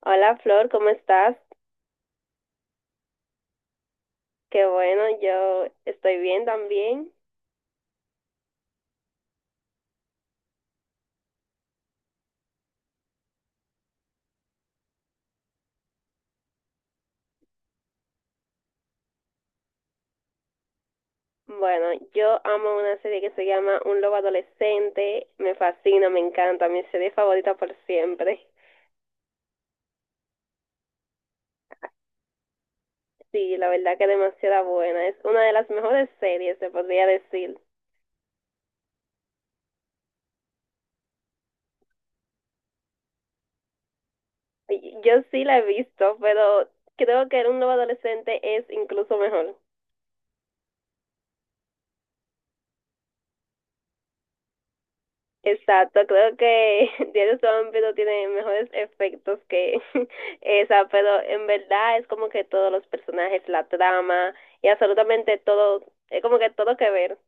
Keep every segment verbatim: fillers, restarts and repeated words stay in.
Hola Flor, ¿cómo estás? Qué bueno, yo estoy bien también. Bueno, yo amo una serie que se llama Un lobo adolescente, me fascina, me encanta, mi serie favorita por siempre. Sí, la verdad que es demasiado buena, es una de las mejores series, se podría decir. Y- Yo sí la he visto, pero creo que Un lobo adolescente es incluso mejor. Exacto, creo que Diario Zombie no tiene mejores efectos que esa, pero en verdad es como que todos los personajes, la trama y absolutamente todo, es como que todo que ver.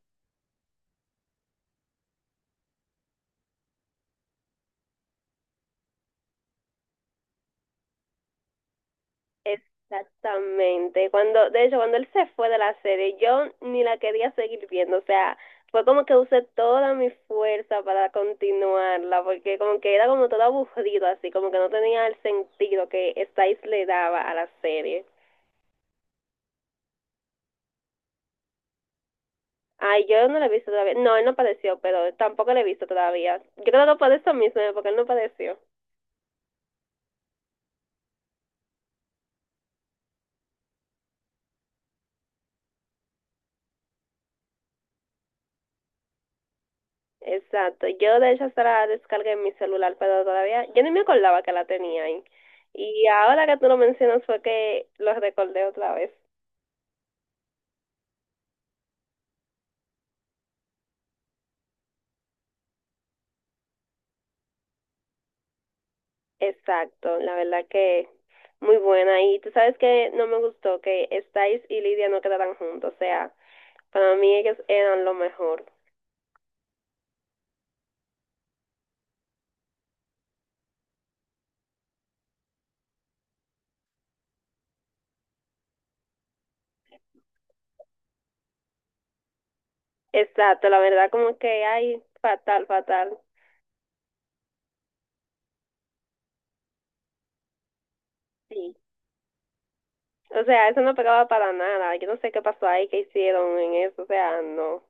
Exactamente. Cuando, de hecho, cuando él se fue de la serie, yo ni la quería seguir viendo, o sea, fue como que usé toda mi fuerza para continuarla, porque como que era como todo aburrido, así como que no tenía el sentido que Stiles le daba a la serie. Ay, yo no lo he visto todavía. No, él no padeció, pero tampoco lo he visto todavía. Yo creo que por eso mismo, porque él no padeció. Exacto. Yo de hecho hasta la descargué en mi celular, pero todavía yo ni me acordaba que la tenía ahí. Y ahora que tú lo mencionas fue que lo recordé otra vez. Exacto, la verdad que muy buena. Y tú sabes que no me gustó que Styles y Lidia no quedaran juntos. O sea, para mí ellos eran lo mejor. Exacto, la verdad como que, ay, fatal, fatal. Sí. O sea, eso no pegaba para nada. Yo no sé qué pasó ahí, qué hicieron en eso. O sea, no.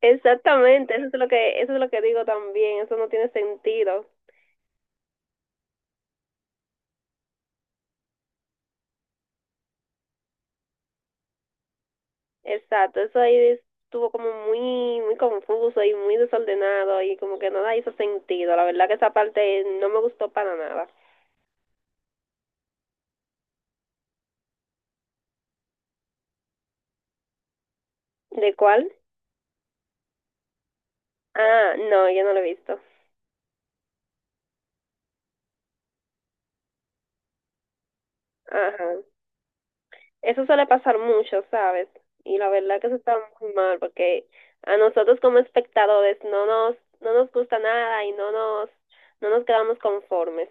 Exactamente, eso es lo que, eso es lo que digo también. Eso no tiene sentido. Exacto, eso ahí estuvo como muy, muy confuso y muy desordenado y como que nada hizo sentido. La verdad que esa parte no me gustó para nada. ¿De cuál? Ah, no, yo no lo he visto. Ajá. Eso suele pasar mucho, ¿sabes? Y la verdad que eso está muy mal porque a nosotros como espectadores no nos no nos gusta nada y no nos no nos quedamos conformes.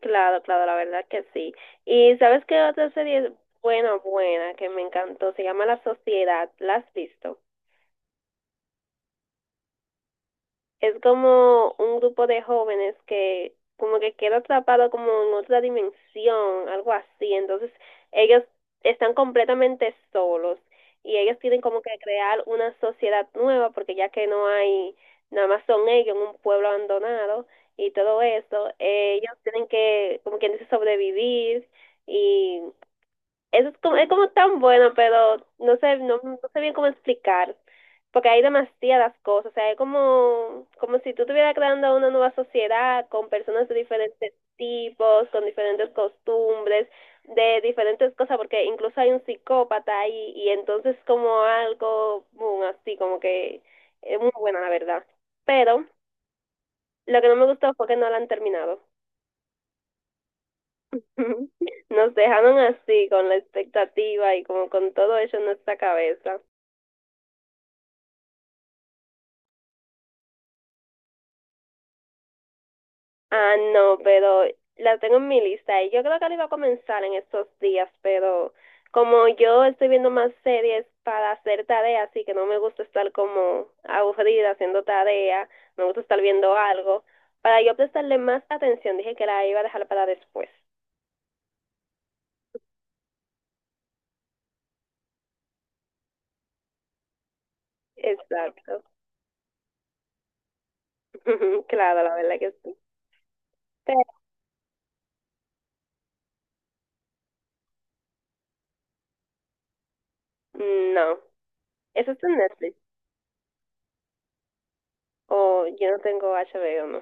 Claro, claro, la verdad que sí. Y ¿sabes qué otra serie es buena, buena, que me encantó? Se llama La Sociedad. ¿La has visto? Es como un grupo de jóvenes que como que queda atrapado como en otra dimensión, algo así. Entonces, ellos están completamente solos y ellos tienen como que crear una sociedad nueva porque ya que no hay, nada más son ellos en un pueblo abandonado y todo eso, eh, ellos tienen que, como quien dice, sobrevivir y eso es como, es como tan bueno, pero no sé, no, no sé bien cómo explicar, porque hay demasiadas cosas, o sea, es como, como si tú estuvieras creando una nueva sociedad con personas de diferentes tipos, con diferentes costumbres, de diferentes cosas, porque incluso hay un psicópata ahí, y entonces como algo, boom, así como que es muy buena, la verdad. Pero lo que no me gustó fue que no la han terminado. Nos dejaron así, con la expectativa y como con todo eso en nuestra cabeza. Ah, no, pero la tengo en mi lista y yo creo que la iba a comenzar en estos días, pero como yo estoy viendo más series para hacer tareas así que no me gusta estar como aburrida haciendo tarea, me gusta estar viendo algo, para yo prestarle más atención dije que la iba a dejar para después. Exacto. Claro, la verdad que sí. Pero no, eso es en Netflix. O yo no tengo H B O no.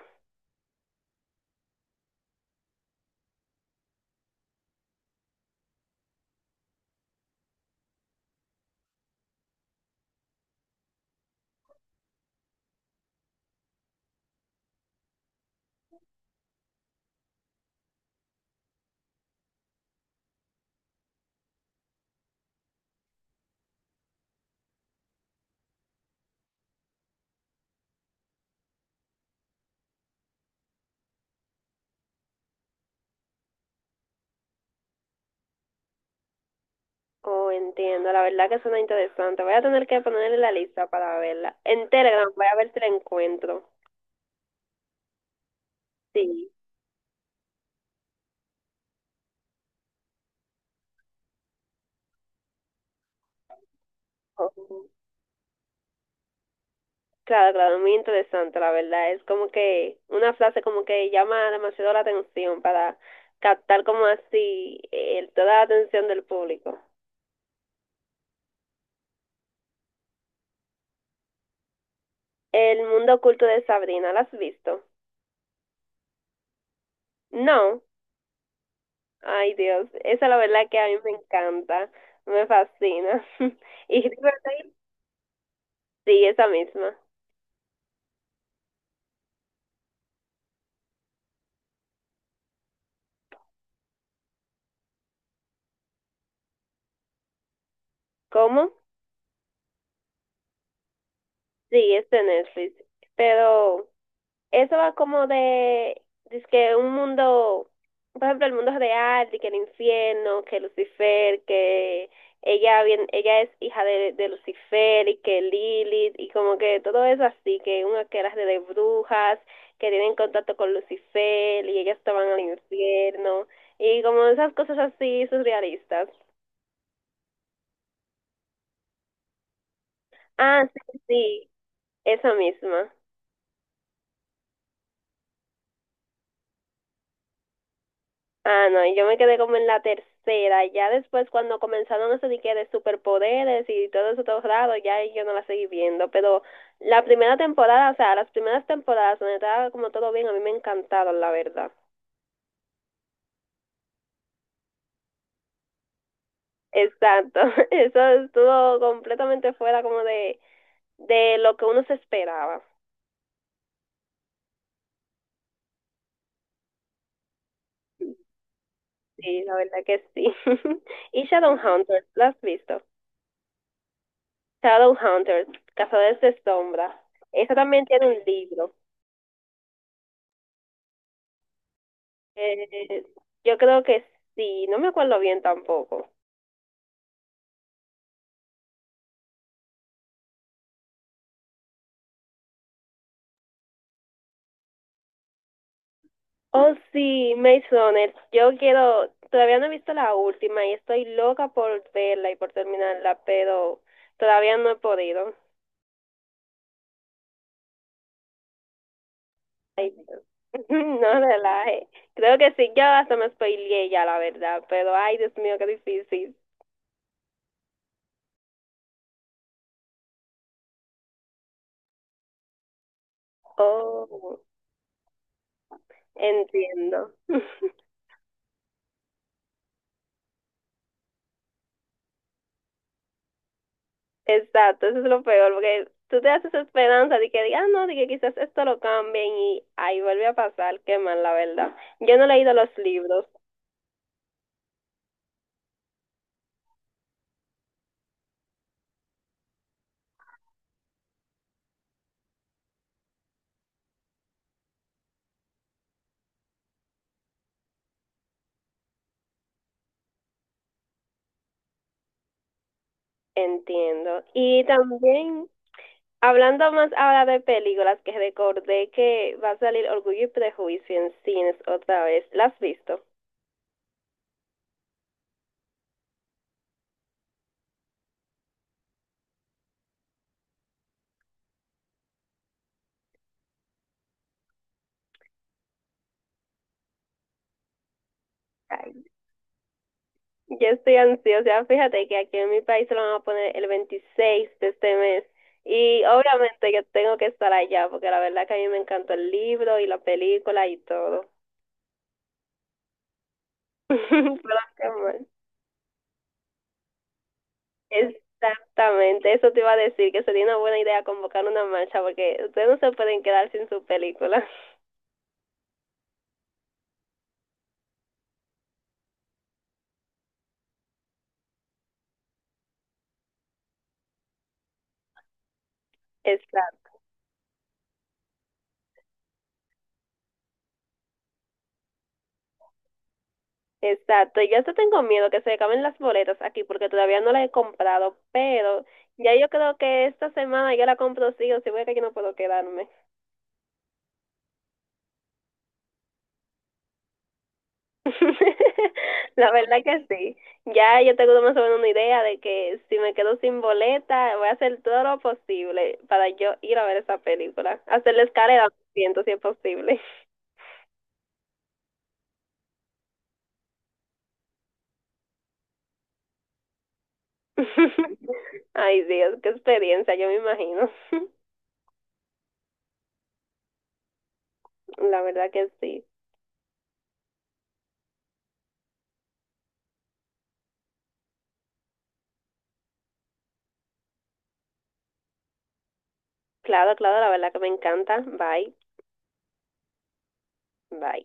Oh, entiendo. La verdad que suena interesante. Voy a tener que ponerle la lista para verla. En Telegram voy a ver si la encuentro. Sí. Ujú. Claro, claro, muy interesante, la verdad. Es como que una frase como que llama demasiado la atención para captar como así eh, toda la atención del público. El mundo oculto de Sabrina, ¿la has visto? No. Ay, Dios. Esa la verdad que a mí me encanta. Me fascina. Y Riverdale. Sí, esa misma. ¿Cómo? Sí, es de Netflix. Pero eso va como de, es que un mundo, por ejemplo, el mundo real, de que el infierno, que Lucifer, que ella bien, ella es hija de, de Lucifer y que Lilith, y como que todo eso así, que una que era de brujas, que tienen contacto con Lucifer y ellas estaban al infierno, y como esas cosas así surrealistas. Ah, sí, sí, esa misma. Ah, no, yo me quedé como en la tercera. Ya después, cuando comenzaron eso de que de superpoderes y todo eso todo raro, ya ahí yo no la seguí viendo. Pero la primera temporada, o sea, las primeras temporadas donde estaba como todo bien, a mí me encantaron, la verdad. Exacto. Eso estuvo completamente fuera como de, de lo que uno se esperaba. Sí, la verdad que sí. Y Shadowhunters, ¿la has visto? Shadowhunters, Cazadores de Sombra. Esa también tiene un libro. Eh, yo creo que sí, no me acuerdo bien tampoco. Oh, sí, Maze Runner. Yo quiero, todavía no he visto la última y estoy loca por verla y por terminarla, pero todavía no he podido. Ay, no relaje. Creo que sí, yo hasta me spoileé ya, la verdad, pero ay, Dios mío, qué difícil. Oh, entiendo. Exacto, eso es lo peor, porque tú te haces esperanza de que digas, "Ah, no, de que quizás esto lo cambien y ahí vuelve a pasar, qué mal, la verdad. Yo no he leído los libros, entiendo. Y también, hablando más ahora de películas, que recordé que va a salir Orgullo y Prejuicio en cines otra vez, ¿las has visto? Yo estoy ansiosa, fíjate que aquí en mi país se lo van a poner el veintiséis de este mes y obviamente yo tengo que estar allá porque la verdad que a mí me encantó el libro y la película y todo. Pero qué mal. Exactamente, eso te iba a decir, que sería una buena idea convocar una marcha porque ustedes no se pueden quedar sin su película. Exacto, exacto. Yo hasta tengo miedo que se acaben las boletas aquí porque todavía no las he comprado, pero ya yo creo que esta semana yo la compro sí o sí, porque yo no puedo quedarme. La verdad que sí. Ya yo tengo más o menos una idea de que si me quedo sin boleta, voy a hacer todo lo posible para yo ir a ver esa película. Hacer la escalera, siento si es posible. Ay, Dios, qué experiencia, yo me imagino. La verdad que sí. Claro, claro, la verdad que me encanta. Bye, bye.